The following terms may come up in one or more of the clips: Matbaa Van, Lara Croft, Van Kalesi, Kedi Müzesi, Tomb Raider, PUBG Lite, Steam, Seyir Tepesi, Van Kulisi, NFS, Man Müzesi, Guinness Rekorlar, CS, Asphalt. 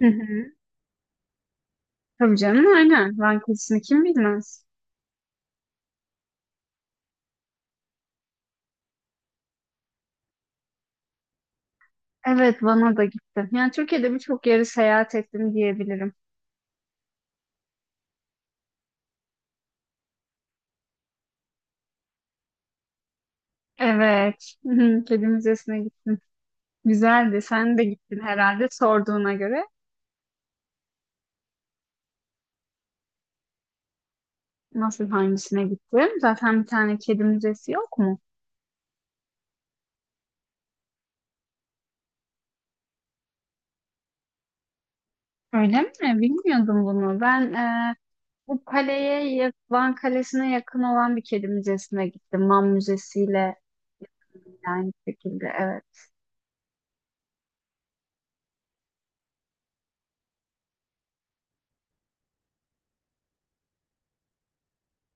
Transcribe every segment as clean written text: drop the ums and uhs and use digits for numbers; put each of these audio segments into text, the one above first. Hı hı. Tabii canım aynen. Van Kulisi'ni kim bilmez. Evet, Van'a da gittim. Yani Türkiye'de birçok yeri seyahat ettim diyebilirim. Evet. Hı hı. Kedi Müzesi'ne gittim. Güzeldi. Sen de gittin herhalde sorduğuna göre. Nasıl hangisine gittim? Zaten bir tane kedi müzesi yok mu? Öyle mi? Bilmiyordum bunu. Ben bu kaleye, Van Kalesi'ne yakın olan bir kedi müzesine gittim. Man Müzesi'yle yakın yani bir şekilde. Evet.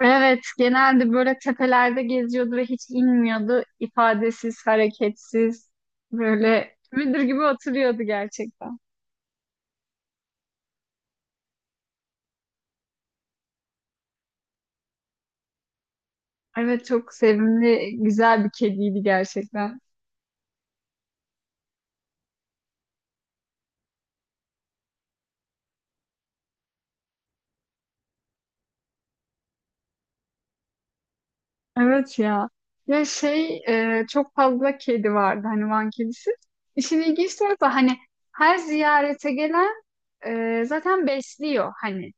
Evet, genelde böyle tepelerde geziyordu ve hiç inmiyordu. İfadesiz, hareketsiz, böyle müdür gibi oturuyordu gerçekten. Evet, çok sevimli, güzel bir kediydi gerçekten. Evet ya. Ya şey, çok fazla kedi vardı hani Van kedisi. İşin ilginç tarafı hani her ziyarete gelen zaten besliyor hani.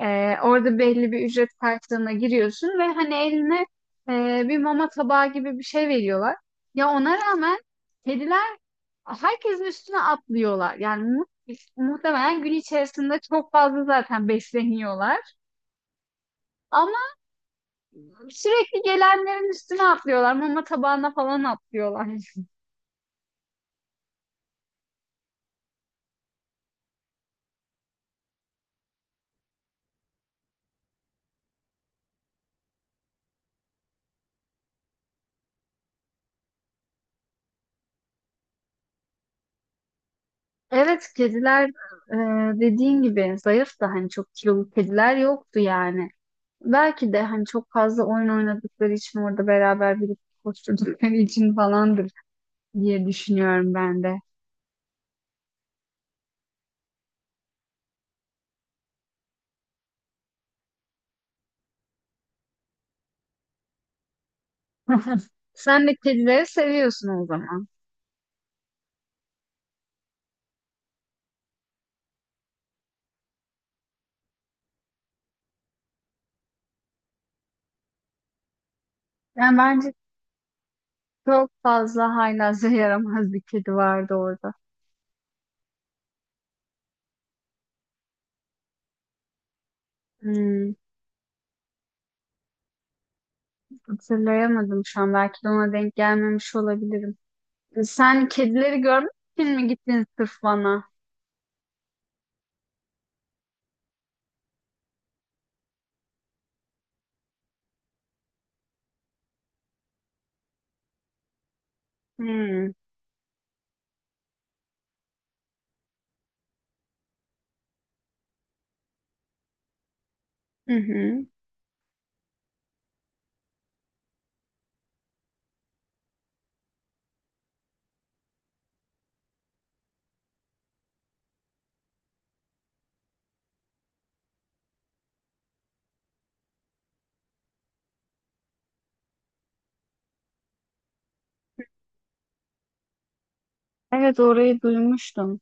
Orada belli bir ücret karşılığına giriyorsun ve hani eline bir mama tabağı gibi bir şey veriyorlar. Ya ona rağmen kediler herkesin üstüne atlıyorlar. Yani muhtemelen gün içerisinde çok fazla zaten besleniyorlar. Ama sürekli gelenlerin üstüne atlıyorlar. Mama tabağına falan atlıyorlar. Evet, kediler e, dediğin gibi zayıf da hani çok kilolu kediler yoktu yani. Belki de hani çok fazla oyun oynadıkları için orada beraber birlikte koşturdukları için falandır diye düşünüyorum ben de. Sen de kedileri seviyorsun o zaman. Yani bence çok fazla haylazlığa yaramaz bir kedi vardı orada. Hmm, hatırlayamadım şu an. Belki de ona denk gelmemiş olabilirim. Sen kedileri görmek için mi gittin sırf bana? Hmm. Hı hı. Evet, orayı duymuştum.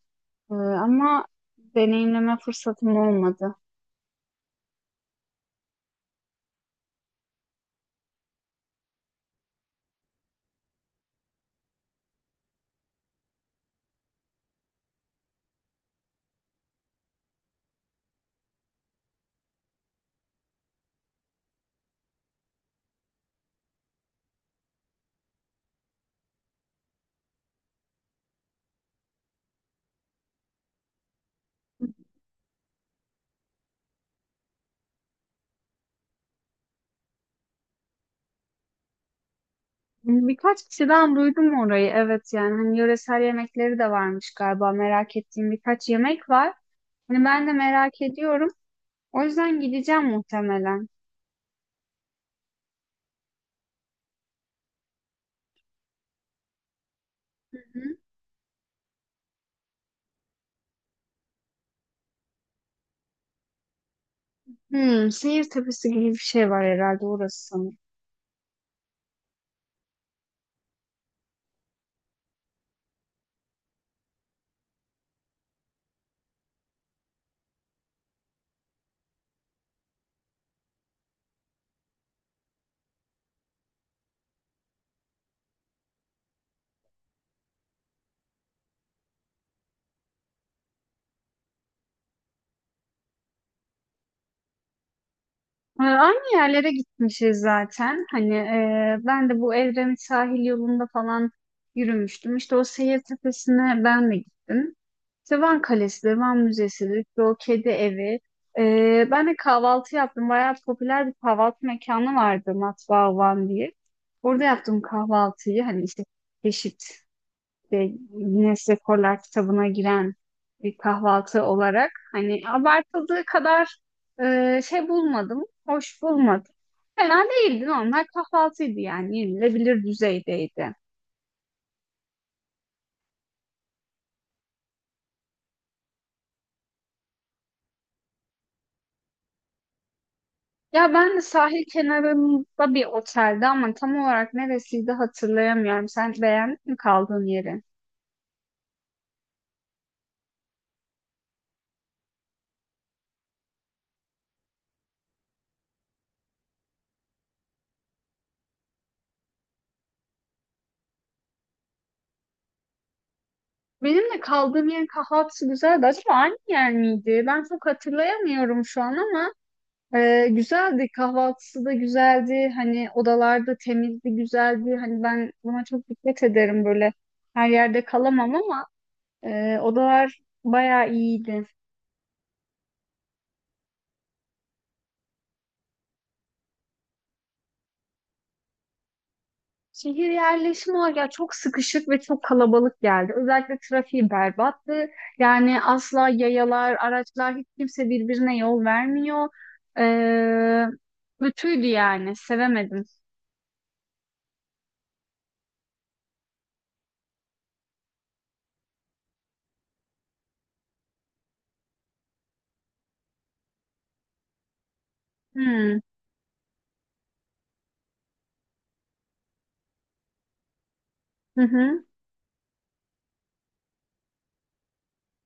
Ama deneyimleme fırsatım olmadı. Hani birkaç kişiden duydum orayı. Evet, yani hani yöresel yemekleri de varmış galiba. Merak ettiğim birkaç yemek var. Hani ben de merak ediyorum. O yüzden gideceğim muhtemelen. Hı hı. Hmm, Seyir Tepesi gibi bir şey var herhalde orası sanırım. Aynı yerlere gitmişiz zaten. Hani ben de bu Evrenin sahil yolunda falan yürümüştüm. İşte o Seyir Tepesi'ne ben de gittim. İşte Van Kalesi'dir, Van Müzesi'dir, işte o kedi evi. Ben de kahvaltı yaptım. Bayağı popüler bir kahvaltı mekanı vardı Matbaa Van diye. Orada yaptım kahvaltıyı. Hani işte çeşit, işte Guinness Rekorlar kitabına giren bir kahvaltı olarak hani abartıldığı kadar şey bulmadım, hoş bulmadım. Fena değildi, normal kahvaltıydı yani yenilebilir düzeydeydi. Ya ben de sahil kenarında bir otelde ama tam olarak neresiydi hatırlayamıyorum. Sen beğendin mi kaldığın yeri? Benim de kaldığım yerin kahvaltısı güzeldi. Acaba aynı yer miydi? Ben çok hatırlayamıyorum şu an ama ee, güzeldi, kahvaltısı da güzeldi, hani odalarda temizdi, güzeldi, hani ben buna çok dikkat ederim, böyle her yerde kalamam ama odalar bayağı iyiydi. Şehir yerleşimi olarak ya çok sıkışık ve çok kalabalık geldi. Özellikle trafiği berbattı. Yani asla yayalar, araçlar hiç kimse birbirine yol vermiyor. Ee, kötüydü yani sevemedim. Hmm. Hı hı.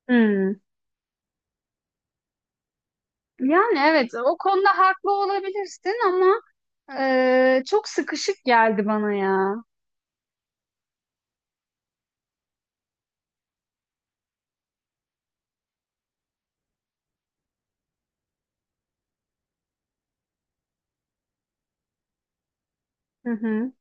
Hmm. Yani evet, o konuda haklı olabilirsin ama ee, çok sıkışık geldi bana ya. Hı hı.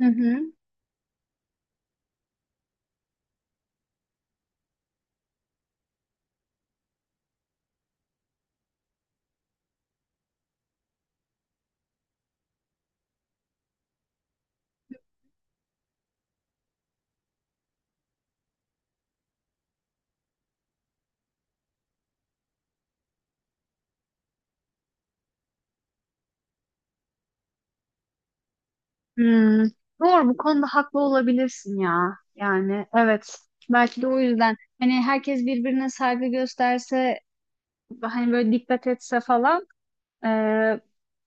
Hı hı. Hmm. Doğru, bu konuda haklı olabilirsin ya. Yani evet. Belki de o yüzden hani herkes birbirine saygı gösterse, hani böyle dikkat etse falan, ee,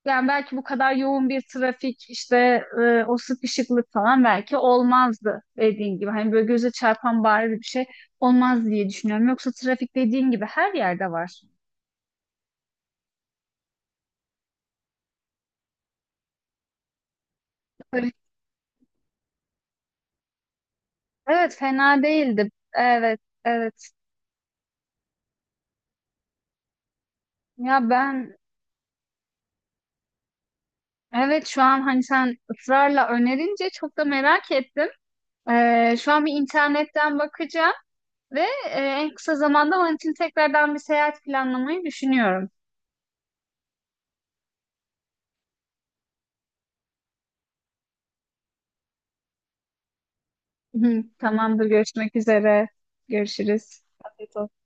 yani belki bu kadar yoğun bir trafik, işte o sıkışıklık falan belki olmazdı dediğin gibi. Hani böyle göze çarpan bariz bir şey olmaz diye düşünüyorum. Yoksa trafik dediğin gibi her yerde var. Evet, fena değildi. Evet, evet. Ya ben, evet, şu an hani sen ısrarla önerince çok da merak ettim. Şu an bir internetten bakacağım ve en kısa zamanda onun için tekrardan bir seyahat planlamayı düşünüyorum. Hı hı. Tamamdır, görüşmek üzere. Görüşürüz. Afiyet olsun.